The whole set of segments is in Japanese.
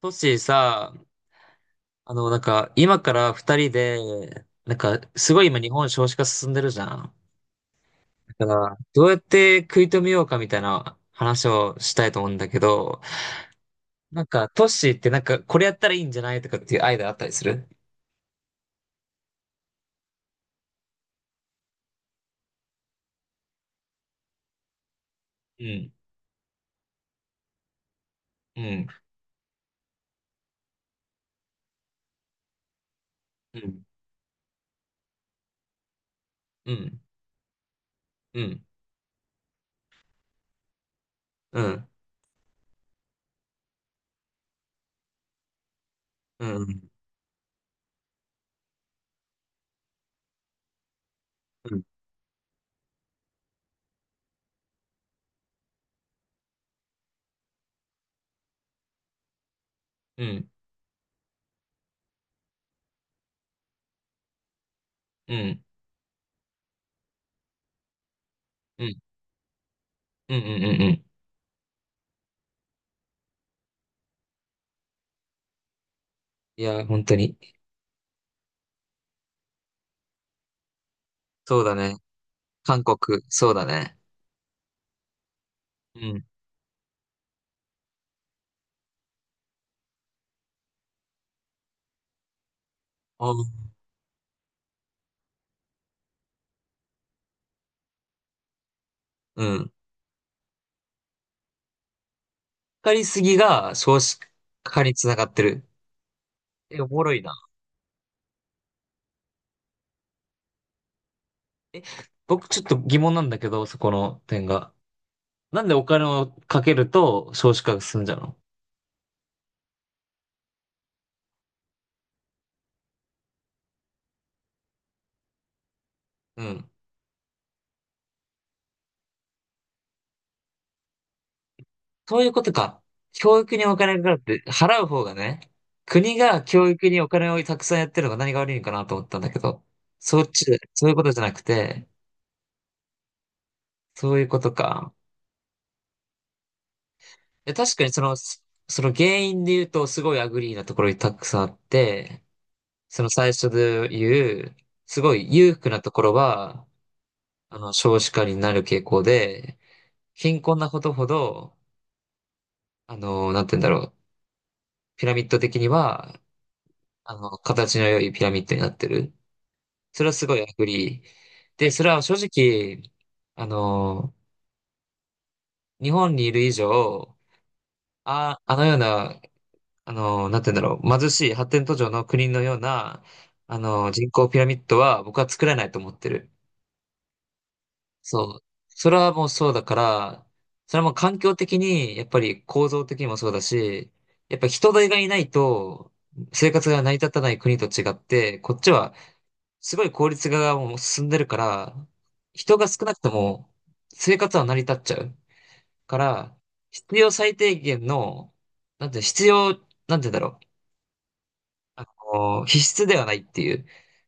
トッシーさ、今から二人で、すごい今日本少子化進んでるじゃん。だから、どうやって食い止めようかみたいな話をしたいと思うんだけど、トッシーってこれやったらいいんじゃないとかっていうアイデアあったりする？うん、うん、うん、うん、うん、うん、うん、うん、うん、うん、うん、うん、うん、うん。うんいや、本当に。そうだね。韓国、そうだね。うん。あうん。かりすぎが少子化につながってる。え、おもろいな。僕ちょっと疑問なんだけど、そこの点が。なんでお金をかけると少子化が進んじゃうの？うん。そういうことか。教育にお金がかかって、払う方がね、国が教育にお金をたくさんやってるのが何が悪いのかなと思ったんだけど、そっち、そういうことじゃなくて、そういうことか。え、確かにその原因で言うとすごいアグリーなところにたくさんあって、その最初で言う、すごい裕福なところは、少子化になる傾向で、貧困なことほど、あの、なんて言うんだろう、ピラミッド的には、形の良いピラミッドになってる。それはすごいアグリー。で、それは正直、あの、日本にいる以上、あ、あのような、あの、なんて言うんだろう、貧しい発展途上の国のような、人口ピラミッドは僕は作れないと思ってる。そう。それはもうそうだから、それはもう環境的に、やっぱり構造的にもそうだし、やっぱ人手がいないと生活が成り立たない国と違って、こっちはすごい効率化がもう進んでるから、人が少なくとも生活は成り立っちゃうから、必要最低限の、なんて必要、なんて言うんだろう。あの、必須ではないっていう、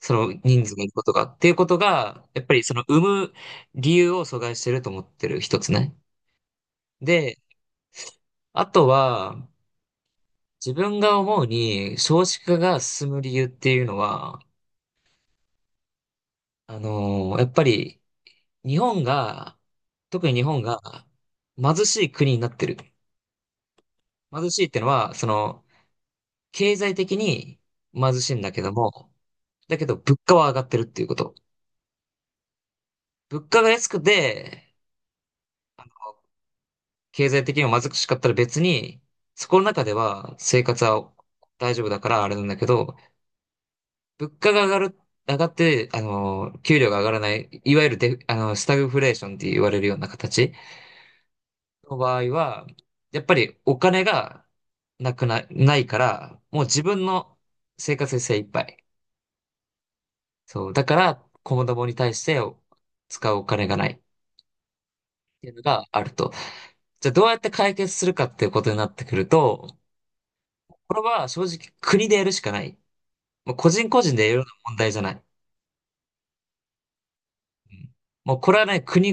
その人数がいることが、っていうことが、やっぱりその生む理由を阻害してると思ってる一つね。で、あとは、自分が思うに少子化が進む理由っていうのは、やっぱり日本が、特に日本が貧しい国になってる。貧しいっていうのは、経済的に貧しいんだけども、だけど物価は上がってるっていうこと。物価が安くて、経済的にも貧しかったら別に、そこの中では生活は大丈夫だからあれなんだけど、物価が上がる、上がって、給料が上がらない、いわゆるデフ、あの、スタグフレーションって言われるような形の場合は、やっぱりお金がなくな、ないから、もう自分の生活に精一杯。そう。だから、子供に対して使うお金がないっていうのがあると。じゃあどうやって解決するかっていうことになってくると、これは正直国でやるしかない。もう個人個人でやるような問題じゃない。うん、もうこれはね、国、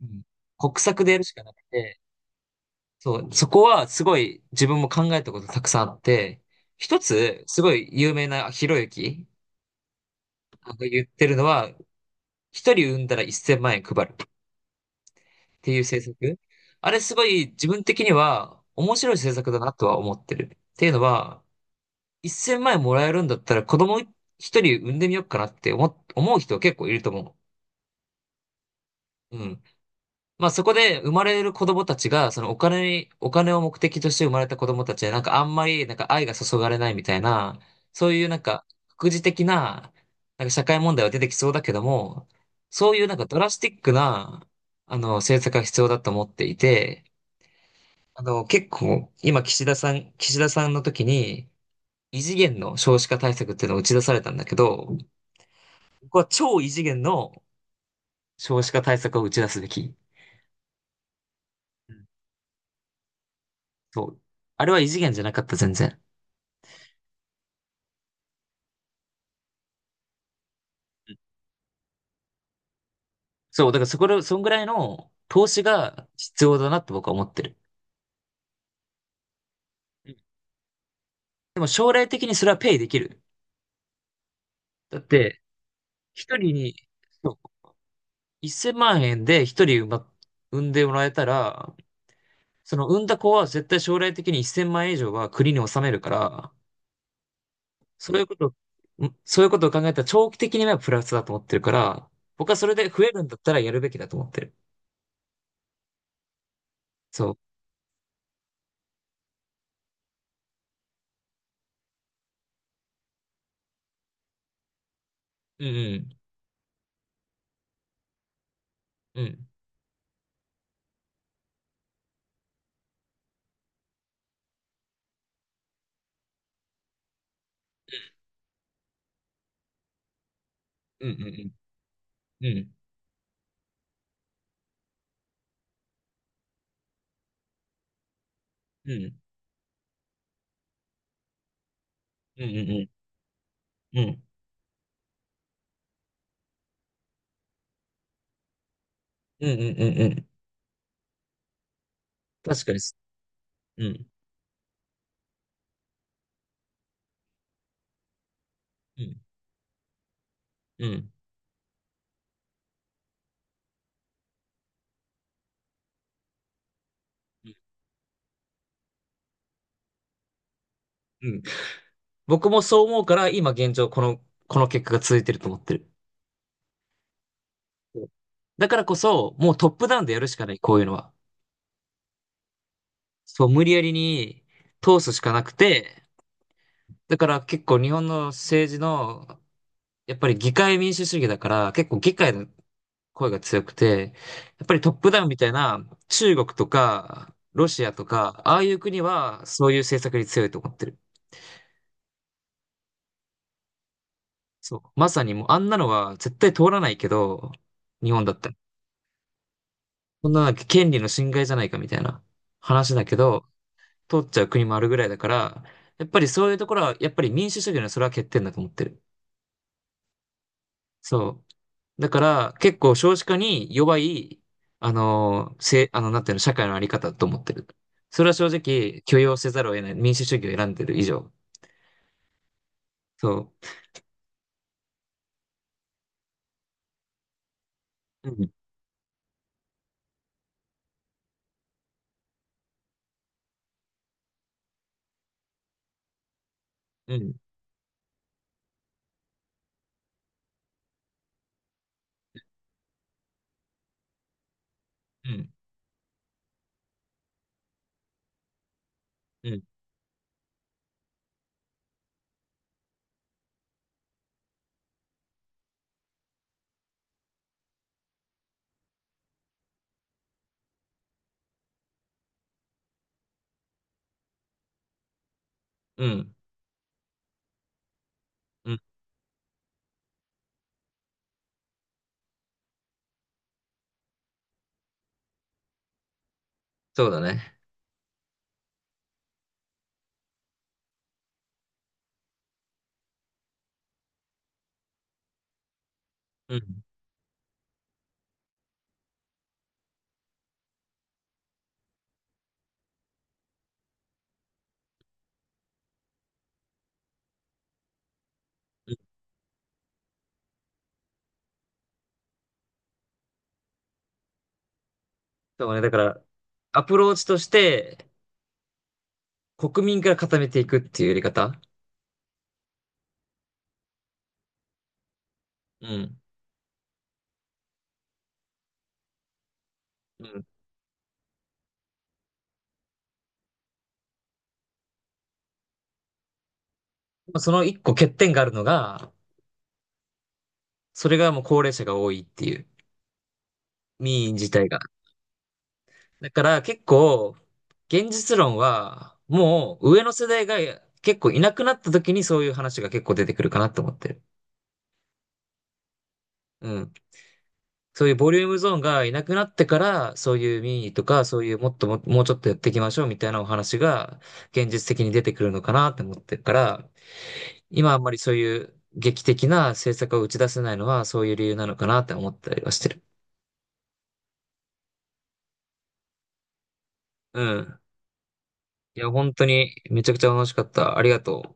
うん、国策でやるしかなくて、そう、そこはすごい自分も考えたことたくさんあって、一つ、すごい有名なひろゆきが言ってるのは、一人産んだら1000万円配るっていう政策。あれすごい自分的には面白い政策だなとは思ってる。っていうのは、1000万円もらえるんだったら子供一人産んでみようかなって思う人結構いると思う。うん。まあそこで生まれる子供たちが、お金を目的として生まれた子供たちは、なんかあんまり愛が注がれないみたいな、そういうなんか、副次的な、なんか社会問題は出てきそうだけども、そういうなんかドラスティックな、政策が必要だと思っていて、あの、結構、今岸田さん、岸田さんの時に、異次元の少子化対策っていうのを打ち出されたんだけど、ここは超異次元の少子化対策を打ち出すべき。そう。あれは異次元じゃなかった、全然。うん、そう、だからそこら、そんぐらいの投資が必要だなって僕は思ってる。うん、でも将来的にそれはペイできる。だって、一人に、そう、1000万円で一人産んでもらえたら、その産んだ子は絶対将来的に1000万円以上は国に納めるから、そういうこと、んそういうことを考えたら長期的にはプラスだと思ってるから、僕はそれで増えるんだったらやるべきだと思ってる。そう。うん、うん。うん。うん、うん、うん。うん。うん。うん、うん、うん。うん。うん、うん、うん、うん。確かにす。うん。うん。うん。うん。僕もそう思うから、今現状この結果が続いてると思ってる。そう、だからこそ、もうトップダウンでやるしかない、こういうのは。そう、無理やりに通すしかなくて、だから結構日本の政治の、やっぱり議会民主主義だから、結構議会の声が強くて、やっぱりトップダウンみたいな中国とか、ロシアとか、ああいう国はそういう政策に強いと思ってる。そう。まさにもうあんなのは絶対通らないけど、日本だったら。そんななんか権利の侵害じゃないかみたいな話だけど、通っちゃう国もあるぐらいだから、やっぱりそういうところは、やっぱり民主主義のそれは欠点だと思ってる。そう。だから結構少子化に弱い、あの、せ、あの、なんていうの、社会のあり方だと思ってる。それは正直許容せざるを得ない。民主主義を選んでる以上。そう。うん、うん、うん、うん、うん、うん、そうだね。うん、そうね、だから、アプローチとして、国民から固めていくっていうやり方。うん。うん。まあその一個欠点があるのが、それがもう高齢者が多いっていう、民意自体が。だから結構、現実論は、もう上の世代が結構いなくなった時にそういう話が結構出てくるかなと思ってる。うん。そういうボリュームゾーンがいなくなってから、そういう民意とか、そういうもっとも、もうちょっとやっていきましょうみたいなお話が現実的に出てくるのかなって思ってるから、今あんまりそういう劇的な政策を打ち出せないのはそういう理由なのかなって思ったりはしてる。うん。いや、本当にめちゃくちゃ楽しかった。ありがとう。